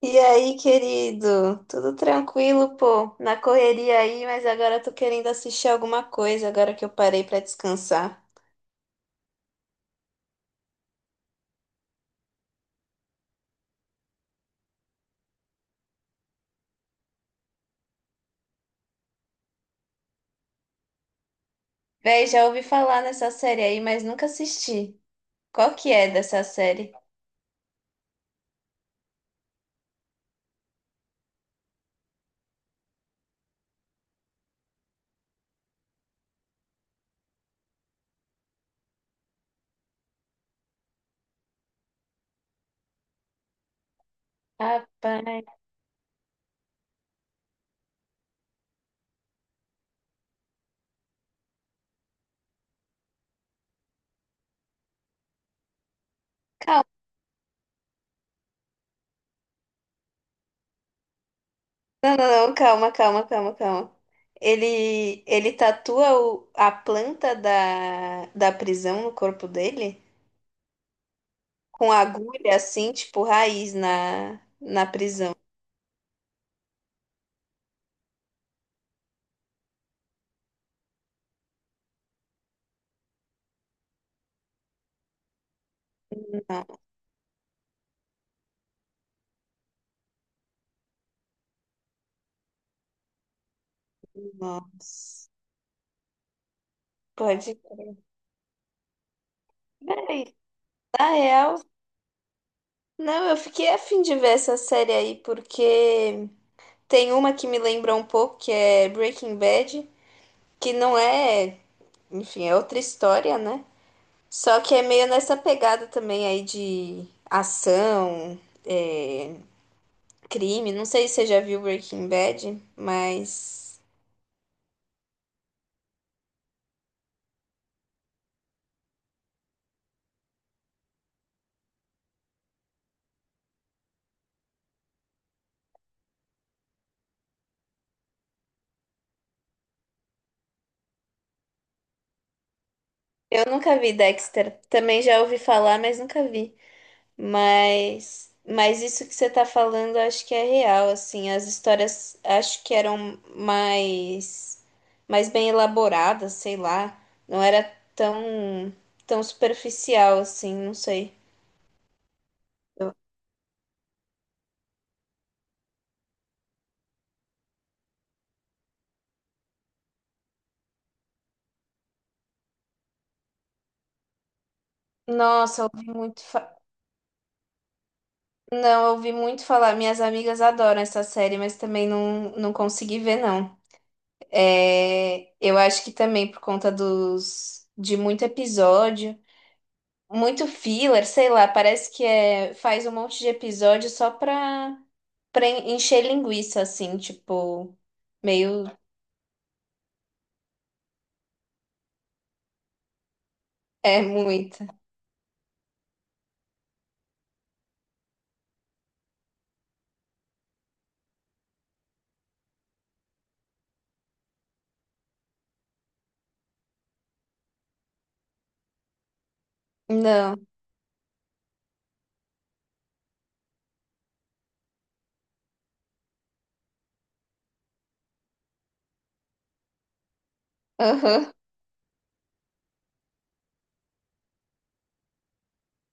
E aí, querido? Tudo tranquilo, pô? Na correria aí, mas agora eu tô querendo assistir alguma coisa agora que eu parei pra descansar. Véi, já ouvi falar nessa série aí, mas nunca assisti. Qual que é dessa série? Rapaz. Calma, não, calma. Ele tatua a planta da prisão no corpo dele? Com agulha assim, tipo raiz na prisão. Não, nossa. Pode. Na real, não, eu fiquei a fim de ver essa série aí, porque tem uma que me lembra um pouco, que é Breaking Bad, que não é, enfim, é outra história, né? Só que é meio nessa pegada também aí de ação, é, crime. Não sei se você já viu Breaking Bad, mas eu nunca vi Dexter. Também já ouvi falar, mas nunca vi. Mas isso que você tá falando, eu acho que é real, assim, as histórias acho que eram mais mais bem elaboradas, sei lá, não era tão tão superficial assim, não sei. Eu- Nossa, eu ouvi muito fa- Não, eu ouvi muito falar, minhas amigas adoram essa série, mas também não, não consegui ver, não. É, eu acho que também por conta dos de muito episódio muito filler, sei lá, parece que é, faz um monte de episódio só pra encher linguiça, assim, tipo, meio, é muita. Não, aham.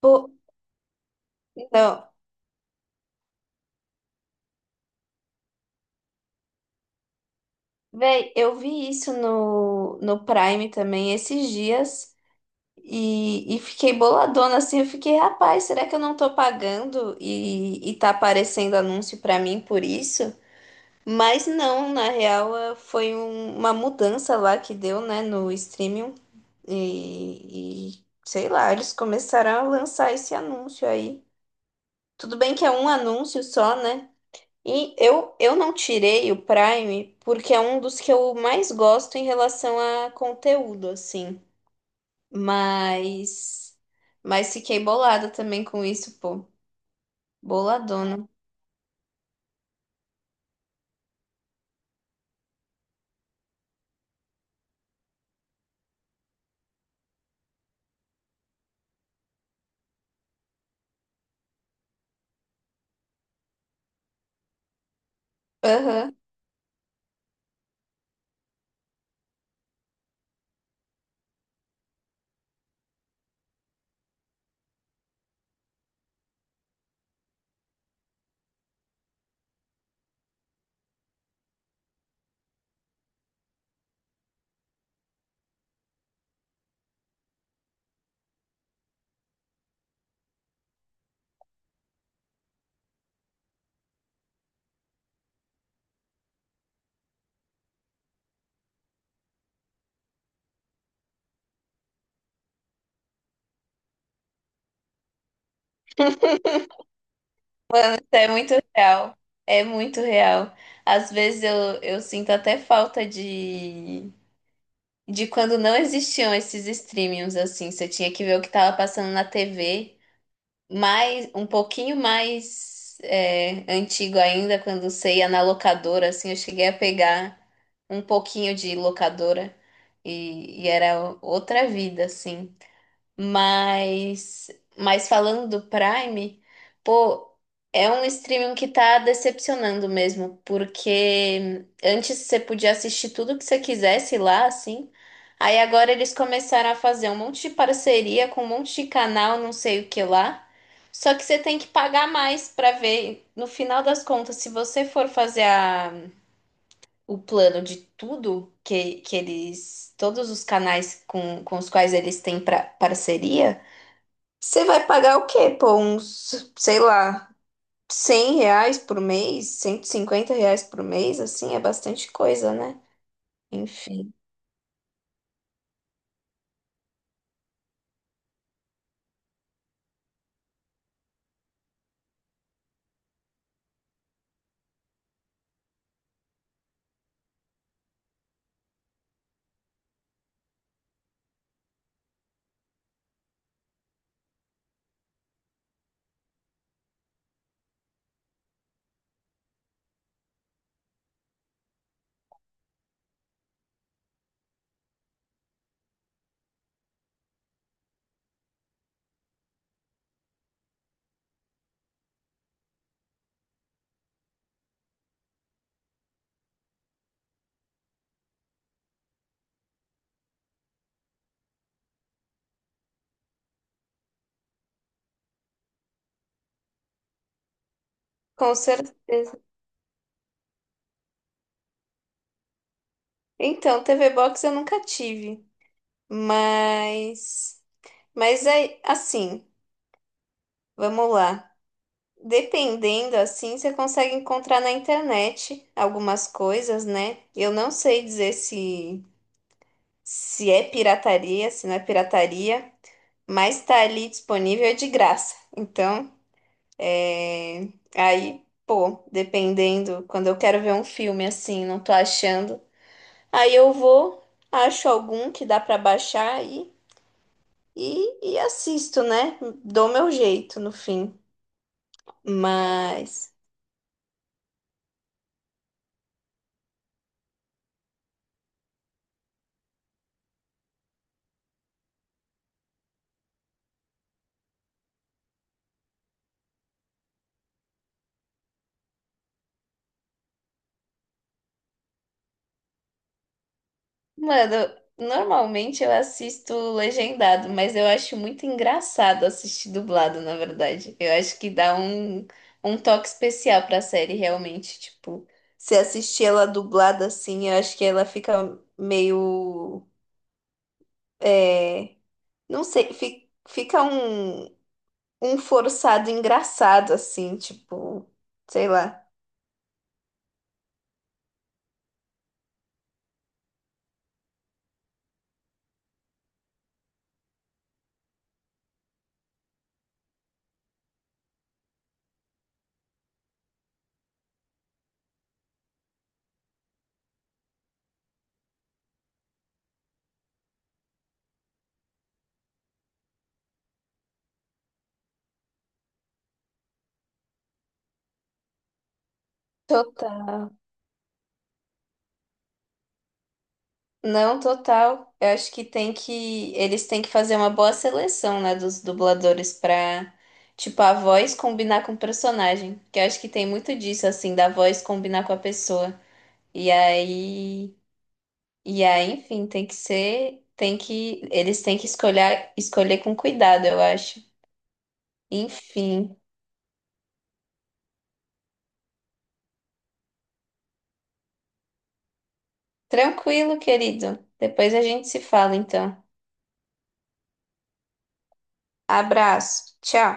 Pô, não, véi, eu vi isso no, no Prime também esses dias e fiquei boladona, assim, eu fiquei, rapaz, será que eu não tô pagando e tá aparecendo anúncio pra mim por isso? Mas não, na real, foi uma mudança lá que deu, né, no streaming. E, sei lá, eles começaram a lançar esse anúncio aí. Tudo bem que é um anúncio só, né? E eu não tirei o Prime porque é um dos que eu mais gosto em relação a conteúdo, assim. Mas, mas fiquei bolada também com isso, pô. Boladona. Aham. É muito real. É muito real. Às vezes eu sinto até falta de quando não existiam esses streamings assim. Você tinha que ver o que estava passando na TV. Mais, um pouquinho mais é, antigo ainda, quando você ia na locadora, assim, eu cheguei a pegar um pouquinho de locadora e era outra vida, assim. Mas, mas falando do Prime, pô, é um streaming que tá decepcionando mesmo, porque antes você podia assistir tudo que você quisesse lá, assim. Aí agora eles começaram a fazer um monte de parceria com um monte de canal, não sei o que lá. Só que você tem que pagar mais pra ver. No final das contas, se você for fazer a, o plano de tudo que eles, todos os canais com os quais eles têm pra, parceria você vai pagar o quê? Pô, uns, sei lá, 100 reais por mês, 150 reais por mês, assim, é bastante coisa, né? Enfim, com certeza. Então, TV Box eu nunca tive, mas, mas é assim, vamos lá. Dependendo, assim, você consegue encontrar na internet algumas coisas, né? Eu não sei dizer se, se é pirataria, se não é pirataria, mas tá ali disponível é de graça. Então, é, aí, pô, dependendo, quando eu quero ver um filme assim, não tô achando. Aí eu vou, acho algum que dá pra baixar aí e assisto, né? Dou meu jeito no fim. É. Mas. Mano, normalmente eu assisto legendado, mas eu acho muito engraçado assistir dublado, na verdade. Eu acho que dá um, um toque especial pra série, realmente. Tipo, se assistir ela dublada assim, eu acho que ela fica meio. É, não sei, fica um, um forçado engraçado, assim, tipo, sei lá. Não, total. Eu acho que tem que. Eles têm que fazer uma boa seleção, né, dos dubladores pra, tipo, a voz combinar com o personagem. Que eu acho que tem muito disso, assim, da voz combinar com a pessoa. E aí. E aí, enfim, tem que ser. Tem que. Eles têm que escolher, escolher com cuidado, eu acho. Enfim. Tranquilo, querido. Depois a gente se fala, então. Abraço. Tchau.